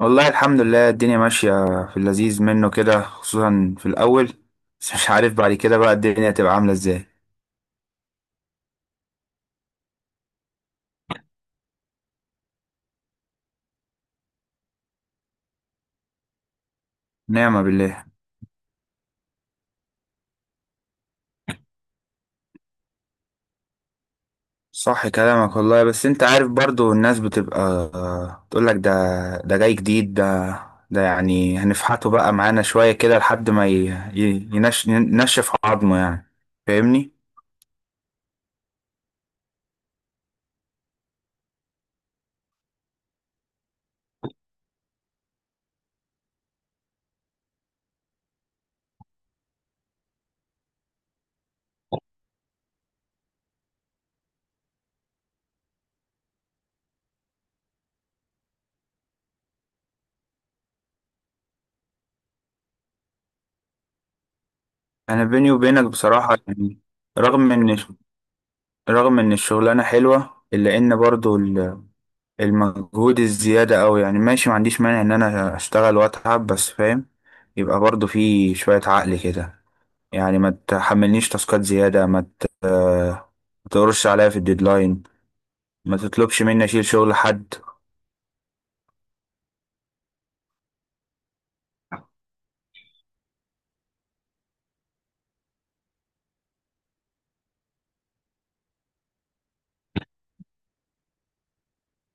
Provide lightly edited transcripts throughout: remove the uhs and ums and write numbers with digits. والله الحمد لله الدنيا ماشية في اللذيذ منه كده خصوصا في الأول. بس مش عارف بعد كده بقى الدنيا تبقى عاملة ازاي. نعمة بالله. صح كلامك والله، بس انت عارف برضو الناس بتبقى تقولك ده، ده جاي جديد ده، ده يعني هنفحته بقى معانا شوية كده لحد ما ينشف عظمه يعني. فاهمني. أنا بيني وبينك بصراحة يعني رغم إن رغم إن الشغلانة حلوة إلا إن برضو المجهود الزيادة أوي، يعني ماشي ما عنديش مانع إن أنا أشتغل وأتعب، بس فاهم يبقى برضو في شوية عقل كده. يعني ما تحملنيش تاسكات زيادة، ما ت- آه، ما تقرش عليا في الديدلاين، ما تطلبش مني أشيل شغل حد.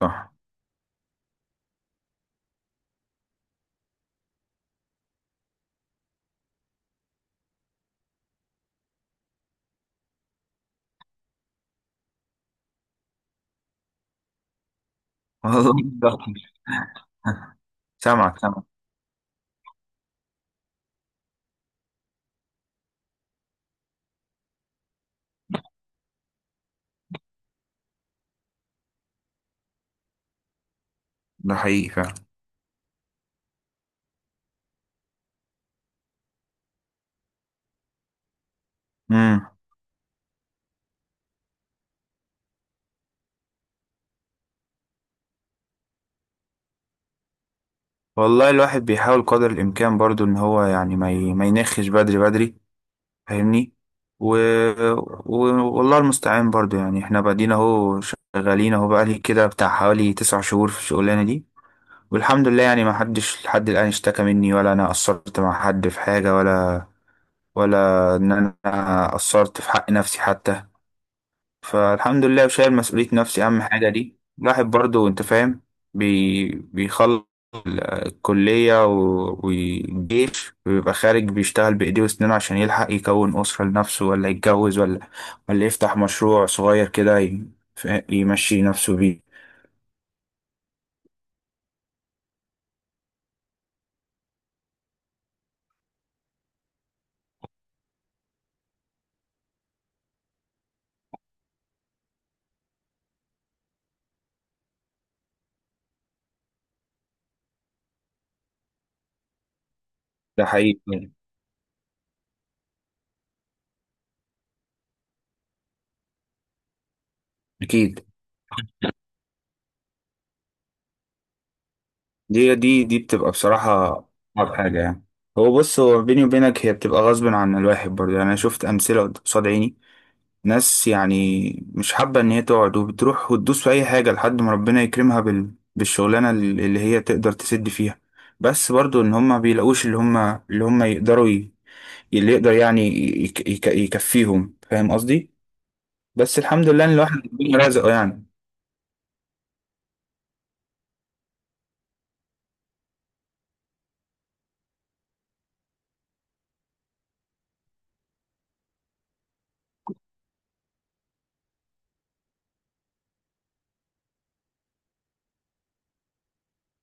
صح. والله ده- سامعك سامعك. ده حقيقي فعلا. امم. والله الواحد بيحاول قدر الإمكان برضو إن هو يعني ما ينخش بدري بدري. فاهمني. و... و... والله المستعان برضو. يعني احنا بعدين اهو شغالين اهو، بقالي كده بتاع حوالي تسع شهور في الشغلانة دي، والحمد لله يعني ما حدش لحد الآن اشتكى مني، ولا انا قصرت مع حد في حاجة، ولا ان انا قصرت في حق نفسي حتى. فالحمد لله شايل مسؤولية نفسي، أهم حاجة دي الواحد برضو أنت فاهم. بيخلص الكلية والجيش ويبقى خارج بيشتغل بإيديه وسنينه عشان يلحق يكون أسرة لنفسه، ولا يتجوز، ولا يفتح مشروع صغير كده يمشي نفسه بيه. ده حقيقي يعني. أكيد. دي بتبقى بصراحة أصعب حاجة يعني. هو بص بيني وبينك هي بتبقى غصب عن الواحد برضه يعني. أنا شفت أمثلة قصاد عيني، ناس يعني مش حابة إن هي تقعد، وبتروح وتدوس في أي حاجة لحد ما ربنا يكرمها بالشغلانة اللي هي تقدر تسد فيها. بس برضو إن هما بيلاقوش اللي هما اللي يقدر يعني يكفيهم، فاهم قصدي؟ بس الحمد لله إن الواحد ربنا رزقه يعني.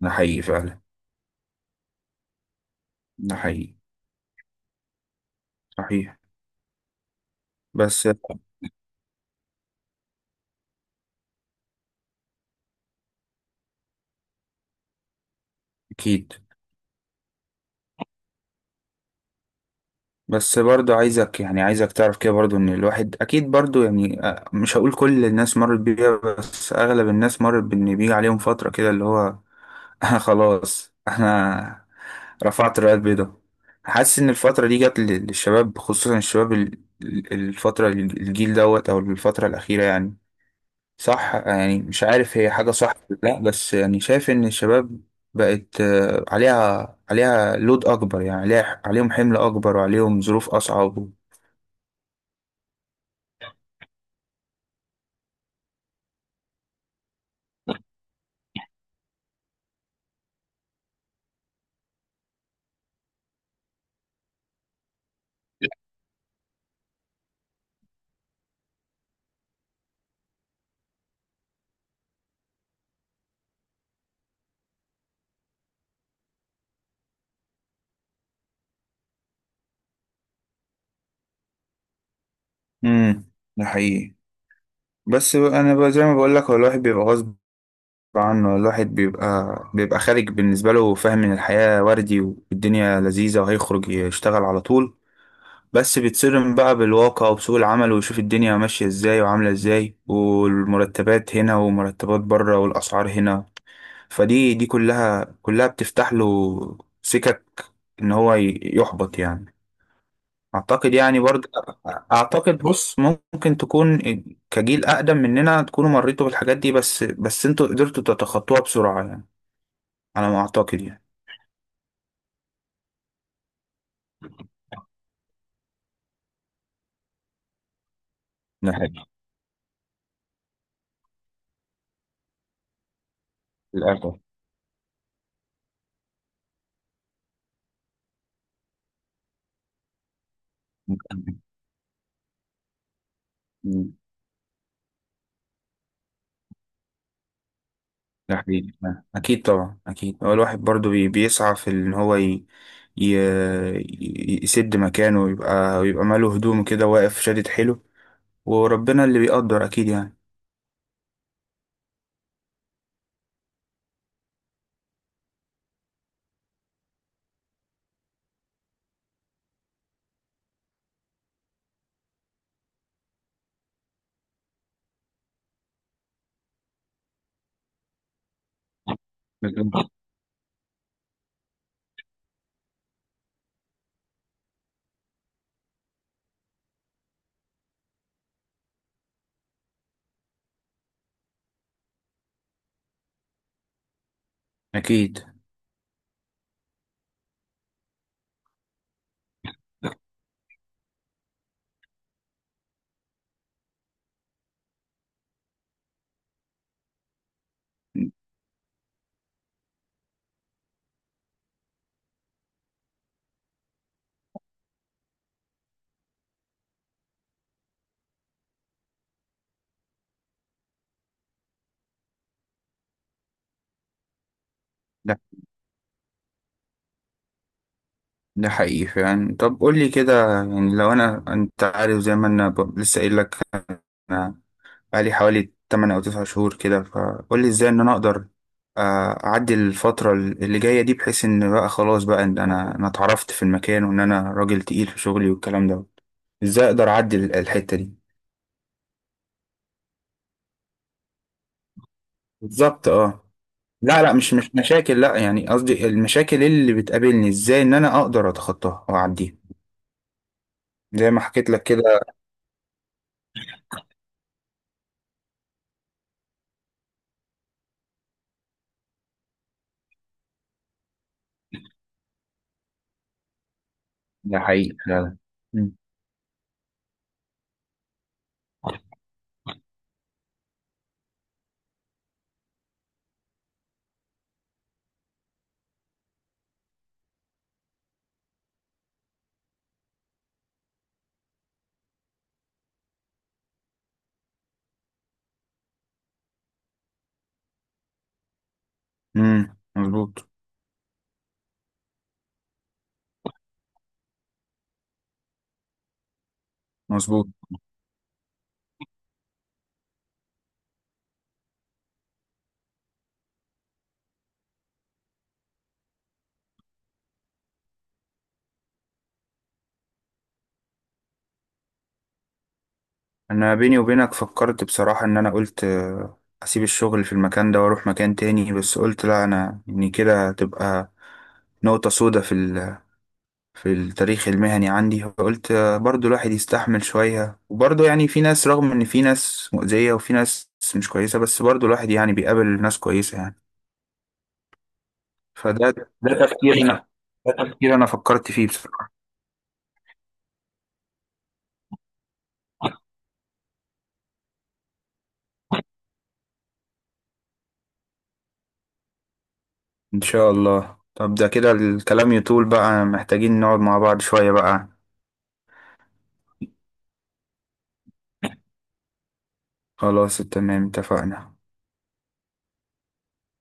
ده حقيقي فعلا. ده حقيقي. صحيح. بس. أكيد. بس برضو عايزك يعني عايزك تعرف كده برضو ان الواحد اكيد برضو يعني، مش هقول كل الناس مرت بيها، بس اغلب الناس مرت، بان بيجي عليهم فترة كده اللي هو انا خلاص انا رفعت الراية البيضاء. حاسس ان الفترة دي جت للشباب، خصوصا الشباب الفترة الجيل دوت او الفترة الاخيرة يعني. صح يعني، مش عارف هي حاجة صح ولا لا، بس يعني شايف ان الشباب بقت عليها لود اكبر، يعني عليها عليهم حمل اكبر، وعليهم ظروف اصعب. امم. ده حقيقي. بس بقى انا بقى زي ما بقول لك، هو الواحد بيبقى غصب عنه، الواحد بيبقى خارج بالنسبه له فاهم ان الحياه وردي والدنيا لذيذه، وهيخرج يشتغل على طول. بس بيتصدم بقى بالواقع، وبسوق العمل، ويشوف الدنيا ماشيه ازاي وعامله ازاي، والمرتبات هنا ومرتبات بره والاسعار هنا. فدي دي كلها كلها بتفتح له سكك ان هو يحبط يعني. اعتقد يعني برضه، اعتقد بص ممكن تكون كجيل اقدم مننا تكونوا مريتوا بالحاجات دي، بس انتوا قدرتوا تتخطوها بسرعة يعني، على ما اعتقد يعني. ده حقيقي. للأسف. مم. ده حقيقي. اكيد طبعا، اكيد هو الواحد برضه بيسعى في ان هو ي... يسد مكانه، ويبقى ماله هدوم كده واقف شادد حيله، وربنا اللي بيقدر اكيد يعني. بالظبط. اكيد. ده حقيقي فعلا. طب قول لي كده يعني، لو انا انت عارف زي ما انا لسه قايل لك، انا بقالي حوالي 8 او 9 شهور كده، فقول لي ازاي ان انا اقدر اعدي الفترة اللي جاية دي، بحيث ان بقى خلاص بقى ان انا اتعرفت في المكان، وان انا راجل تقيل في شغلي والكلام ده. ازاي اقدر اعدي الحتة دي؟ بالظبط اه. لا، مش مشاكل، لا، يعني قصدي المشاكل اللي بتقابلني ازاي ان انا اقدر اتخطاها واعديها، زي ما حكيت لك كده. ده حقيقي فعلا. مظبوط. مظبوط. انا بيني وبينك فكرت بصراحة ان انا قلت اسيب الشغل في المكان ده واروح مكان تاني، بس قلت لا، انا ان كده تبقى نقطة سودة في التاريخ المهني عندي، فقلت برضو الواحد يستحمل شوية، وبرضو يعني في ناس، رغم ان في ناس مؤذية وفي ناس مش كويسة، بس برضو الواحد يعني بيقابل ناس كويسة يعني. فده، ده تفكير انا ده تفكير انا فكرت فيه بصراحة. إن شاء الله. طب ده كده الكلام يطول بقى، محتاجين نقعد مع بعض شوية بقى. خلاص تمام اتفقنا.